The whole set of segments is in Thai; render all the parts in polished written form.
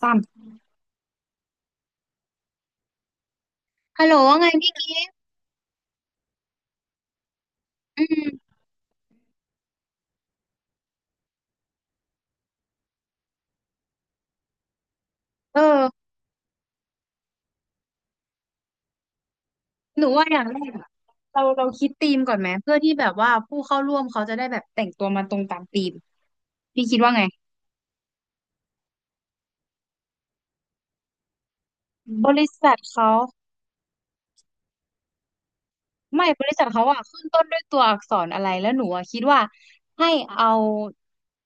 สามฮัลโหลว่าไงพี่กิฟต์อืมเออหนูว่าอย่างแรกอะเราคิดธีมก่อนไหมเพื่อที่แบบว่าผู้เข้าร่วมเขาจะได้แบบแต่งตัวมาตรงตามธีมพี่คิดว่าไงบริษัทเขาไม่บริษัทเขาอะขึ้นต้นด้วยตัวอักษรอะไรแล้วหนูอะคิดว่าให้เอา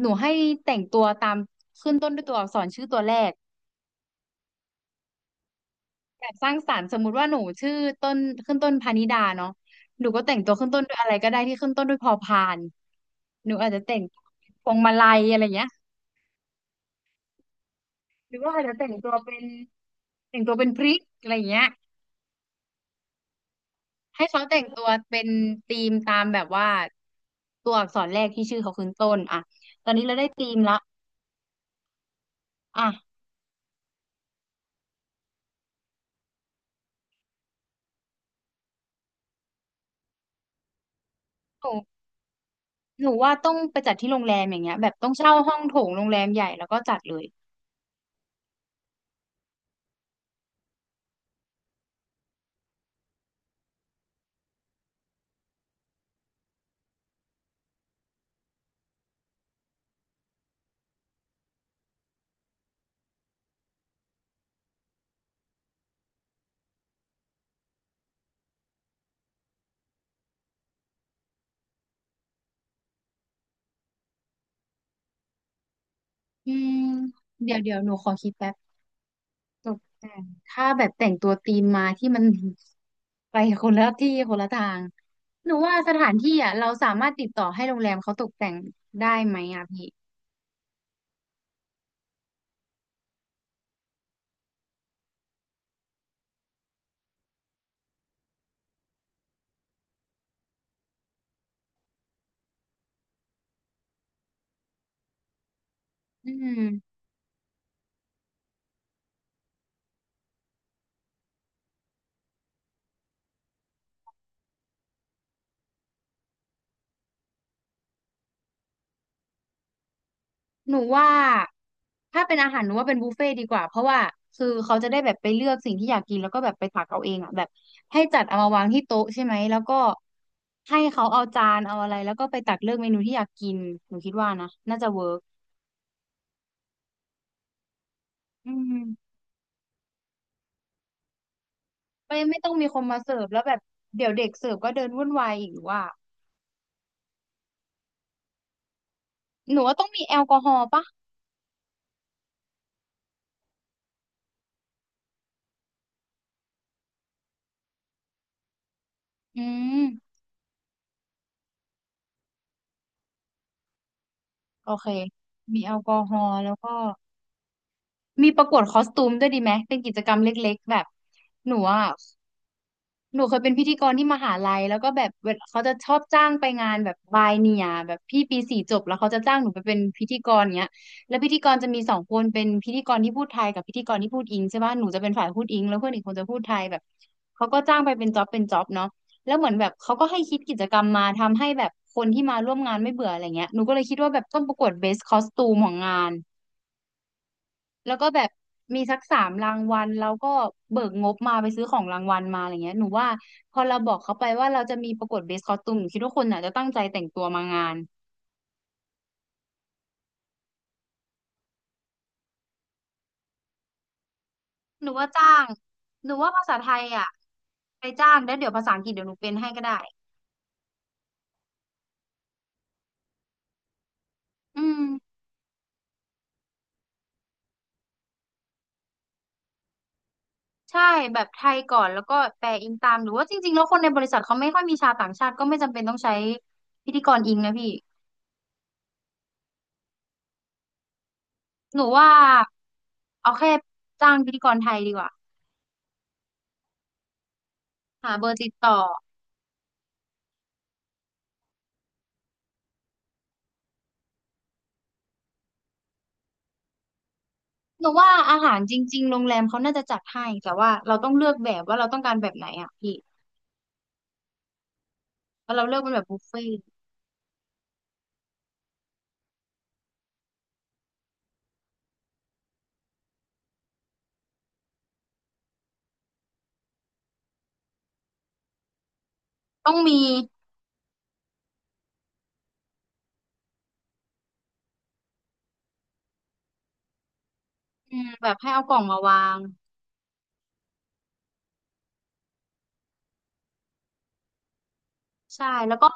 หนูให้แต่งตัวตามขึ้นต้นด้วยตัวอักษรชื่อตัวแรก แบบสร้างสรรค์สมมุติว่าหนูชื่อต้นขึ้นต้นพานิดาเนาะหนูก็แต่งตัวขึ้นต้นด้วยอะไรก็ได้ที่ขึ้นต้นด้วยพอพานหนูอาจจะแต่งพวงมาลัยอะไรเงี้ยหรือว่าอาจจะแต่งตัวเป็นแต่งตัวเป็นพริกอะไรเงี้ยให้เขาแต่งตัวเป็นธีมตามแบบว่าตัวอักษรแรกที่ชื่อเขาขึ้นต้นอ่ะตอนนี้เราได้ธีมละอ่ะหนูหนูว่าต้องไปจัดที่โรงแรมอย่างเงี้ยแบบต้องเช่าห้องโถงโรงแรมใหญ่แล้วก็จัดเลยอืมเดี๋ยวหนูขอคิดแป๊บ ตกแต่งถ้าแบบแต่งตัวธีมมาที่มัน ไปคนละที่คนละทางหนูว่าสถานที่อ่ะเราสามารถติดต่อให้โรงแรมเขาตกแต่งได้ไหมอ่ะพี่อืมหนูว่าถ้าเป็นอาหารหนูว่าเป็นบุฟเฟ่ต์ดีกว่าเพราะว่าคือเขาจะได้แบบไปเลือกสิ่งที่อยากกินแล้วก็แบบไปตักเอาเองอ่ะแบบให้จัดเอามาวางที่โต๊ะใช่ไหมแล้วก็ให้เขาเอาจานเอาอะไรแล้วก็ไปตักเลือกเมนูที่อยากกินหนูคิดว่านะน่าจะเวิร์กอืม ไม่ไม่ต้องมีคนมาเสิร์ฟแล้วแบบเดี๋ยวเด็กเสิร์ฟก็เดินวุ่นวายอีกว่าหนูว่าต้องมีแอลกอฮอล์ปะอืมโอเคมีแอลกอฮอล์แล้วก็มีประกวดคอสตูมด้วยดีไหมเป็นกิจกรรมเล็กๆแบบหนูอ่ะ หนูเคยเป็นพิธีกรที่มหาลัยแล้วก็แบบเวลาเขาจะชอบจ้างไปงานแบบบายเนียแบบพี่ปีสี่จบแล้วเขาจะจ้างหนูไปเป็นพิธีกรเนี้ยแล้วพิธีกรจะมีสองคนเป็นพิธีกรที่พูดไทยกับพิธีกรที่พูดอิงใช่ป่ะหนูจะเป็นฝ่ายพูดอิงแล้วเพื่อนอีกคนจะพูดไทยแบบเขาก็จ้างไปเป็นจ็อบเป็นจ็อบเนาะแล้วเหมือนแบบเขาก็ให้คิดกิจกรรมมาทำให้แบบคนที่มาร่วมงานไม่เบื่ออะไรเงี้ยหนูก็เลยคิดว่าแบบต้องประกวดเบสคอสตูมของงาน แล้วก็แบบมีสักสามรางวัลแล้วก็เบิกงบมาไปซื้อของรางวัลมาอะไรเงี้ยหนูว่าพอเราบอกเขาไปว่าเราจะมีประกวดเบสคอสตูมหนูคิดว่าคนอ่ะจะตั้งใจแต่งตัวมางานหนูว่าจ้างหนูว่าภาษาไทยอ่ะไปจ้างแล้วเดี๋ยวภาษาอังกฤษเดี๋ยวหนูเป็นให้ก็ได้อืมใช่แบบไทยก่อนแล้วก็แปลอิงตามหรือว่าจริงๆแล้วคนในบริษัทเขาไม่ค่อยมีชาวต่างชาติก็ไม่จำเป็นต้องใช้พิธีกรอิงนะพี่หนูว่าเอาแค่จ้างพิธีกรไทยดีกว่าหาเบอร์ติดต่อ หนูว่าอาหารจริงๆโรงแรมเขาน่าจะจัดให้แต่ว่าเราต้องเลือกแบบว่าเราต้องการแบบไหนอ่ะพี่แล้วเราเลือกเป็นแบบบุฟเฟ่ต์ต้องมีอืมแบบให้เอากล่องมาวาง ใช่ แล้วก็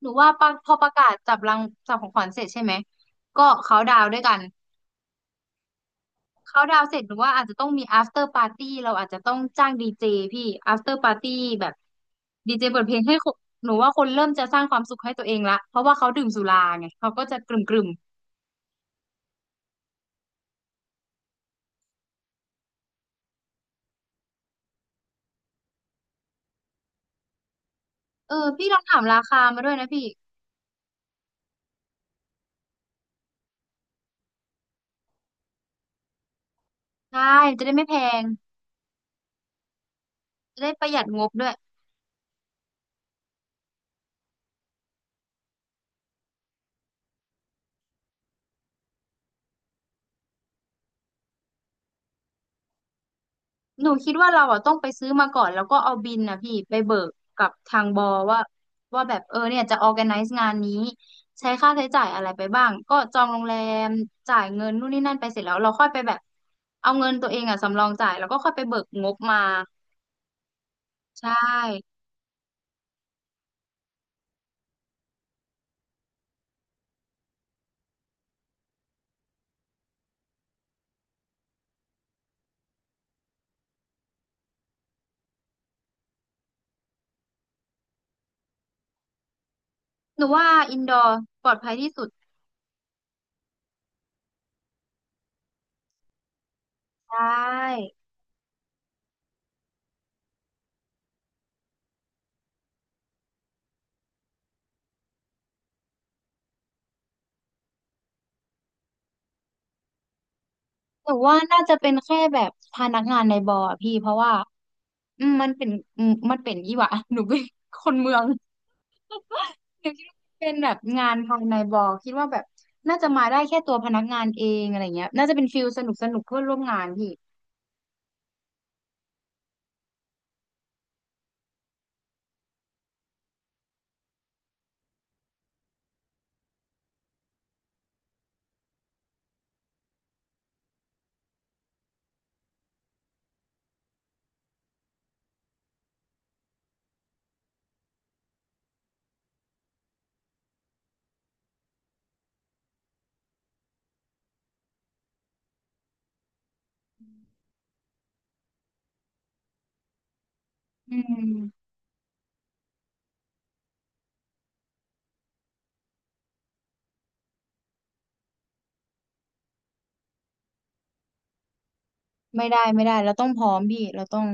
หนูว่าปะพอประกาศจับของขวัญเสร็จใช่ไหม ก็เขาดาวน์ด้วยกันเขาดาวน์เสร็จหนูว่าอาจจะต้องมี after party เราอาจจะต้องจ้างดีเจพี่ after party แบบดีเจเปิดเพลงให้คนหนูว่าคนเริ่มจะสร้างความสุขให้ตัวเองละเพราะว่าเขาดื่มสุราไงเขาก็จะกลุ่มๆเออพี่ลองถามราคามาด้วยนะพี่ ใช่จะได้ไม่แพงจะได้ประหยัดงบด้วยหนูคิดว่าเราอ่ะต้องไปซื้อมาก่อนแล้วก็เอาบินนะพี่ไปเบิกกับทางบอว่าว่าแบบเออเนี่ยจะ organize งานนี้ใช้ค่าใช้จ่ายอะไรไปบ้างก็จองโรงแรมจ่ายเงินนู่นนี่นั่นไปเสร็จแล้วเราค่อยไปแบบเอาเงินตัวเองอ่ะสำรองจ่ายแล้วก็ค่อยไปเบิกงบมาใช่หนูว่าอินดอร์ปลอดภัยที่สุดใช่ หนูว่าน่าจะเป็นแค่แบบพนักงานในบอร์อะพี่เพราะว่าอืมมันเป็นอืมมันเป็นยี่หวะ หนูเป็นคนเมืองหนูคิดว่าเป็นแบบงานภายในบอร์คิดว่าแบบน่าจะมาได้แค่ตัวพนักงานเองอะไรเงี้ยน่าจะเป็นฟิลสนุกสนุกเพื่อนร่วมงานพี่อืมไม่ได้ไม่ได้เราต้องพร้อมพี่เราต้อง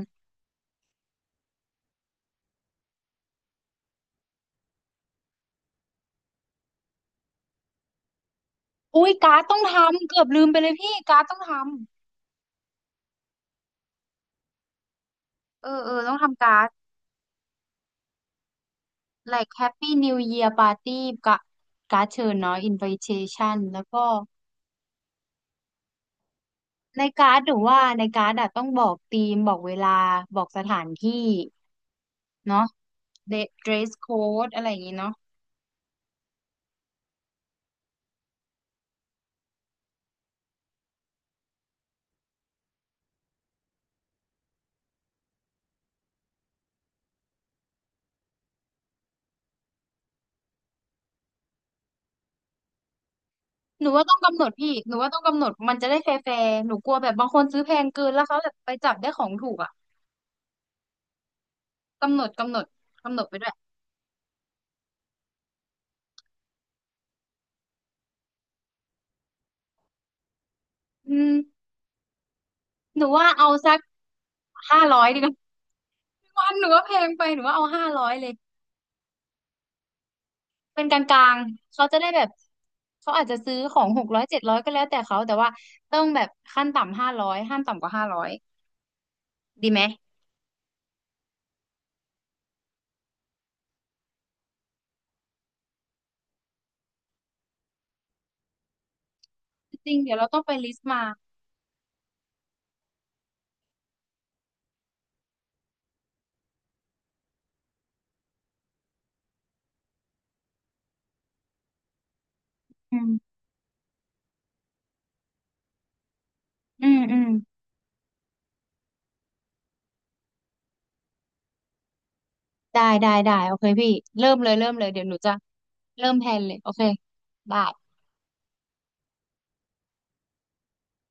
อุ้ยการ์ดต้องทำเกือบลืมไปเลยพี่การ์ดต้องทำเออเออต้องทำการ์ด like Happy New Year Party กะการ์ดเชิญเนาะ invitation แล้วก็ ในการ์ดหนูว่าในการ์ดอะต้องบอกธีมบอกเวลาบอกสถานที่เนาะเดเดรสโค้ดอะไรอย่างงี้เนาะหนูว่าต้องกำหนดพี่หนูว่าต้องกำหนดมันจะได้แฟร์ๆหนูกลัวแบบบางคนซื้อแพงเกินแล้วเขาแบบไปจับได้ของถูกอะกำหนดกำหนดกำหนดไปด้วยอืมหนูว่าเอาสักห้าร้อยดีกว่าวันหนูว่าแพงไปหนูว่าเอาห้าร้อยเลยเป็นกลางๆเขาจะได้แบบเขาอาจจะซื้อของ600700ก็แล้วแต่เขาแต่ว่าต้องแบบขั้นต่ำห้าร้อยห้ามต่ำกว่าห้าร้อยดีไหม จริง เดี๋ยวเราต้องไปลิสต์มา อืม อืม อืม ได้ ได้ ได้ โอเคพี่ เริ่มเลย เริ่มเลย เดี๋ยวหนูจะเริ่มแพลนเลย โอเค ได้